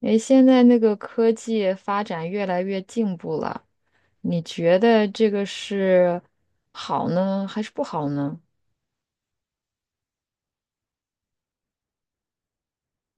诶，现在那个科技发展越来越进步了，你觉得这个是好呢，还是不好呢？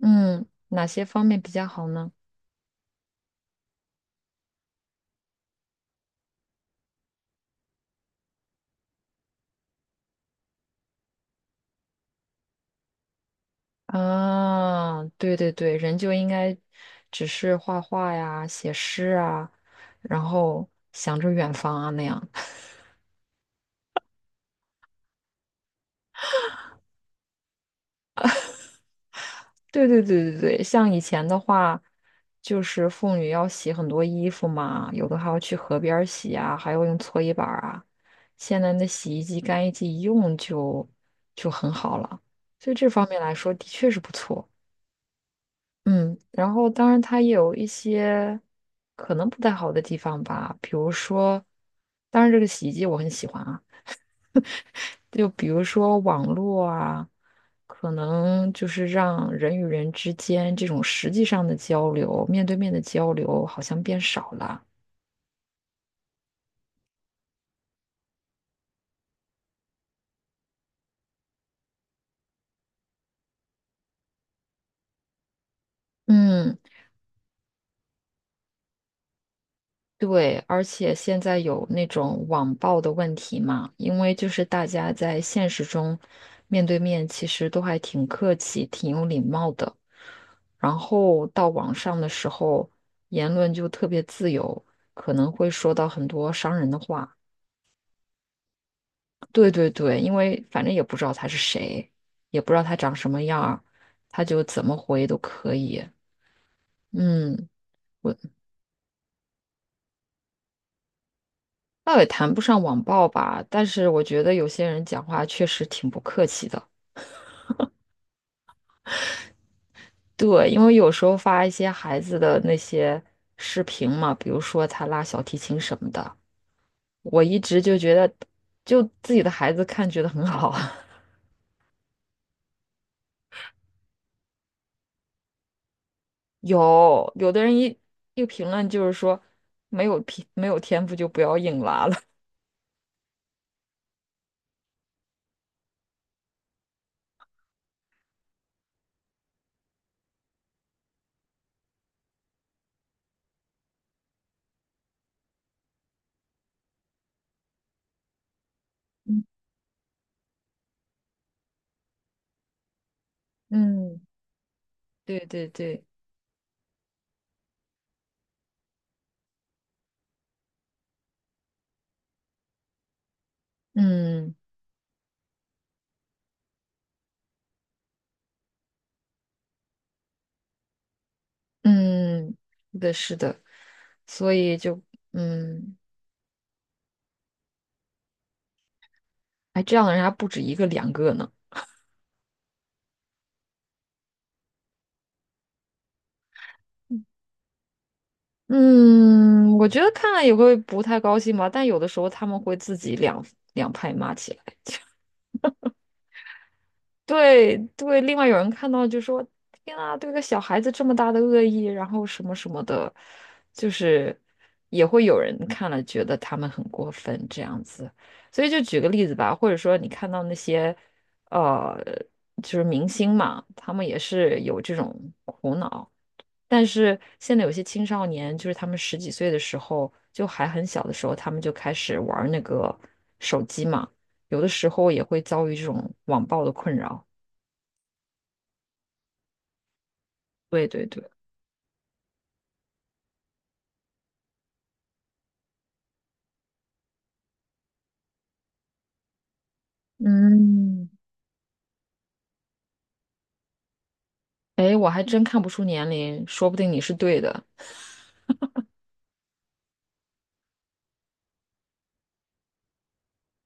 嗯，哪些方面比较好呢？啊，对对对，人就应该只是画画呀、写诗啊，然后想着远方啊那样。对对对对对，像以前的话，就是妇女要洗很多衣服嘛，有的还要去河边儿洗啊，还要用搓衣板儿啊。现在那洗衣机、干衣机一用就很好了，所以这方面来说的确是不错。嗯，然后当然它也有一些可能不太好的地方吧，比如说，当然这个洗衣机我很喜欢啊。就比如说网络啊，可能就是让人与人之间这种实际上的交流，面对面的交流好像变少了。嗯，对，而且现在有那种网暴的问题嘛，因为就是大家在现实中面对面其实都还挺客气、挺有礼貌的，然后到网上的时候，言论就特别自由，可能会说到很多伤人的话。对对对，因为反正也不知道他是谁，也不知道他长什么样儿，他就怎么回都可以。嗯，我倒也谈不上网暴吧，但是我觉得有些人讲话确实挺不客气的。对，因为有时候发一些孩子的那些视频嘛，比如说他拉小提琴什么的，我一直就觉得，就自己的孩子看觉得很好。有的人一评论就是说，没有天赋就不要硬拉了。嗯，对对对，嗯嗯，是的，是的，所以就嗯，哎，这样的人还不止一个两个呢。嗯，我觉得看了也会不太高兴吧，但有的时候他们会自己两派骂起来。对对，另外有人看到就说：“天啊，对个小孩子这么大的恶意，然后什么什么的，就是也会有人看了觉得他们很过分这样子。”所以就举个例子吧，或者说你看到那些呃，就是明星嘛，他们也是有这种苦恼，但是现在有些青少年，就是他们十几岁的时候，就还很小的时候，他们就开始玩儿那个手机嘛。有的时候也会遭遇这种网暴的困扰。对对对，嗯，哎，我还真看不出年龄，说不定你是对的。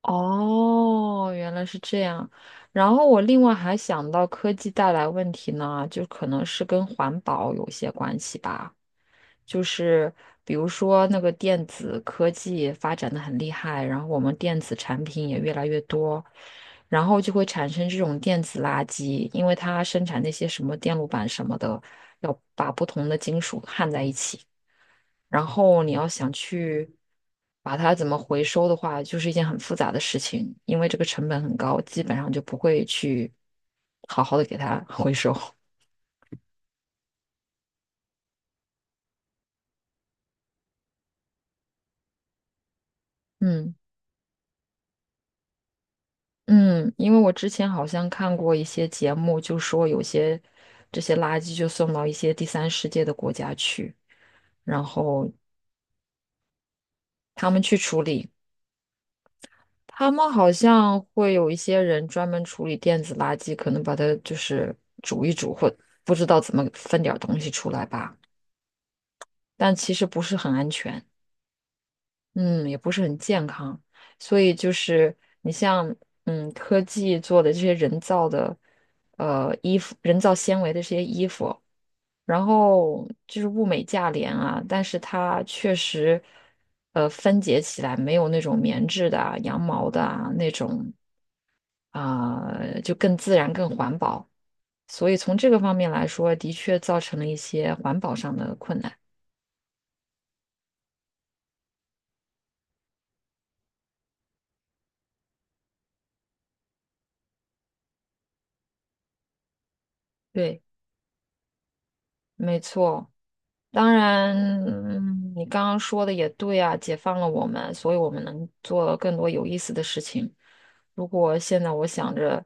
哦，原来是这样。然后我另外还想到科技带来问题呢，就可能是跟环保有些关系吧。就是比如说那个电子科技发展的很厉害，然后我们电子产品也越来越多，然后就会产生这种电子垃圾，因为它生产那些什么电路板什么的，要把不同的金属焊在一起。然后你要想去把它怎么回收的话，就是一件很复杂的事情，因为这个成本很高，基本上就不会去好好的给它回收。嗯嗯，因为我之前好像看过一些节目，就说有些这些垃圾就送到一些第三世界的国家去，然后他们去处理。他们好像会有一些人专门处理电子垃圾，可能把它就是煮一煮，或不知道怎么分点儿东西出来吧。但其实不是很安全，嗯，也不是很健康。所以就是你像，嗯，科技做的这些人造的，衣服，人造纤维的这些衣服，然后就是物美价廉啊，但是它确实，分解起来没有那种棉质的啊、羊毛的啊那种啊，就更自然、更环保。所以从这个方面来说，的确造成了一些环保上的困难。对，没错。当然，嗯你刚刚说的也对啊，解放了我们，所以我们能做更多有意思的事情。如果现在我想着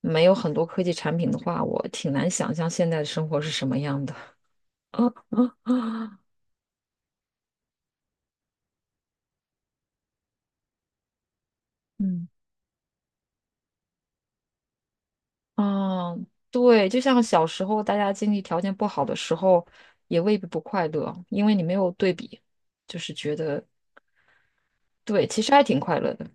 没有很多科技产品的话，我挺难想象现在的生活是什么样的。嗯，啊，对，就像小时候大家经济条件不好的时候，也未必不快乐，因为你没有对比，就是觉得对，其实还挺快乐的。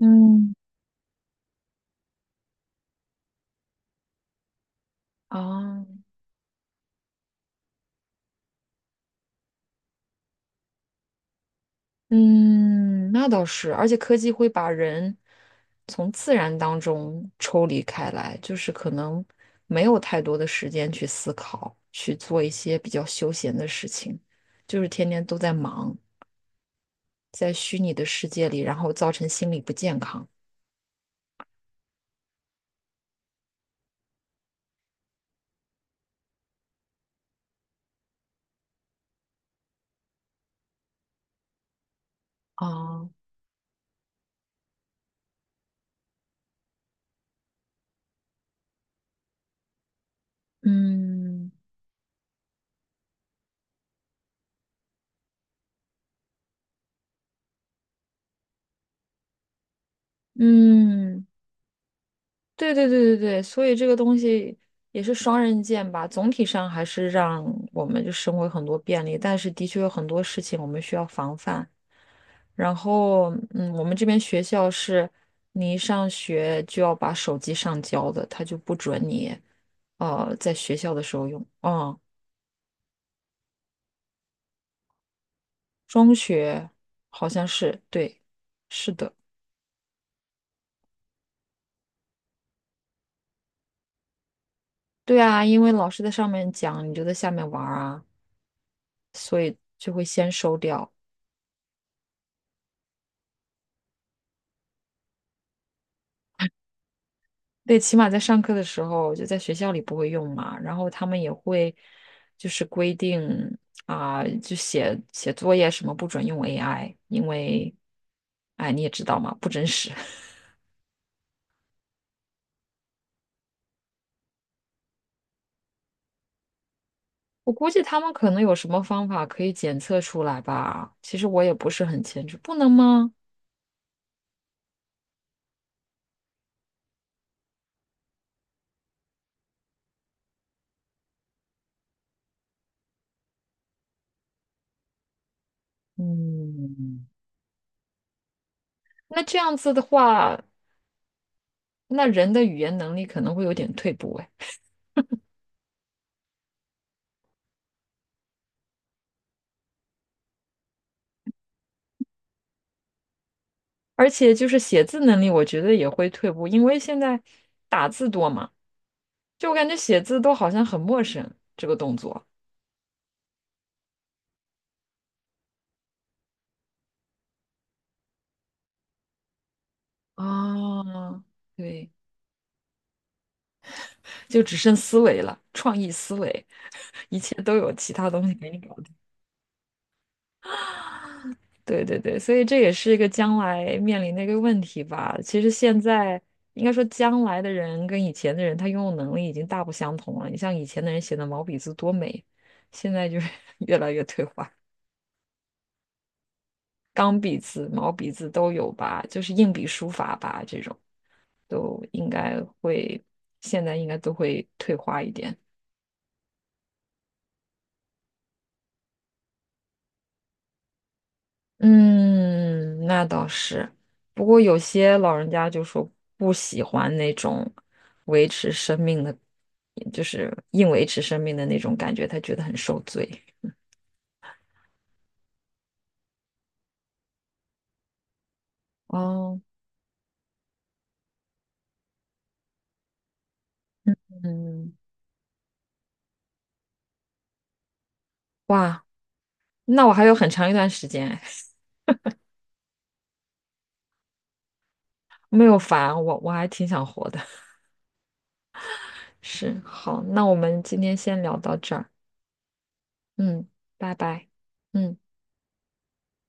嗯，啊。嗯，那倒是，而且科技会把人从自然当中抽离开来，就是可能没有太多的时间去思考，去做一些比较休闲的事情，就是天天都在忙，在虚拟的世界里，然后造成心理不健康。啊。嗯嗯，对对对对对，所以这个东西也是双刃剑吧。总体上还是让我们就生活有很多便利，但是的确有很多事情我们需要防范。然后，嗯，我们这边学校是，你一上学就要把手机上交的，他就不准你，在学校的时候用。嗯，中学好像是，对，是的，对啊，因为老师在上面讲，你就在下面玩儿啊，所以就会先收掉。对，起码在上课的时候，就在学校里不会用嘛，然后他们也会就是规定啊、就写作业什么不准用 AI，因为哎你也知道嘛，不真实。我估计他们可能有什么方法可以检测出来吧，其实我也不是很清楚，不能吗？嗯，那这样子的话，那人的语言能力可能会有点退步哎，而且就是写字能力，我觉得也会退步，因为现在打字多嘛，就我感觉写字都好像很陌生这个动作。啊，对，就只剩思维了，创意思维，一切都有其他东西给你搞定。对对对，所以这也是一个将来面临的一个问题吧。其实现在应该说，将来的人跟以前的人，他拥有能力已经大不相同了。你像以前的人写的毛笔字多美，现在就是 越来越退化。钢笔字、毛笔字都有吧，就是硬笔书法吧，这种都应该会，现在应该都会退化一点。嗯，那倒是。不过有些老人家就说不喜欢那种维持生命的，就是硬维持生命的那种感觉，他觉得很受罪。哦，嗯，哇，那我还有很长一段时间哎 没有烦，我还挺想活的。是，好，那我们今天先聊到这儿。嗯，拜拜。嗯。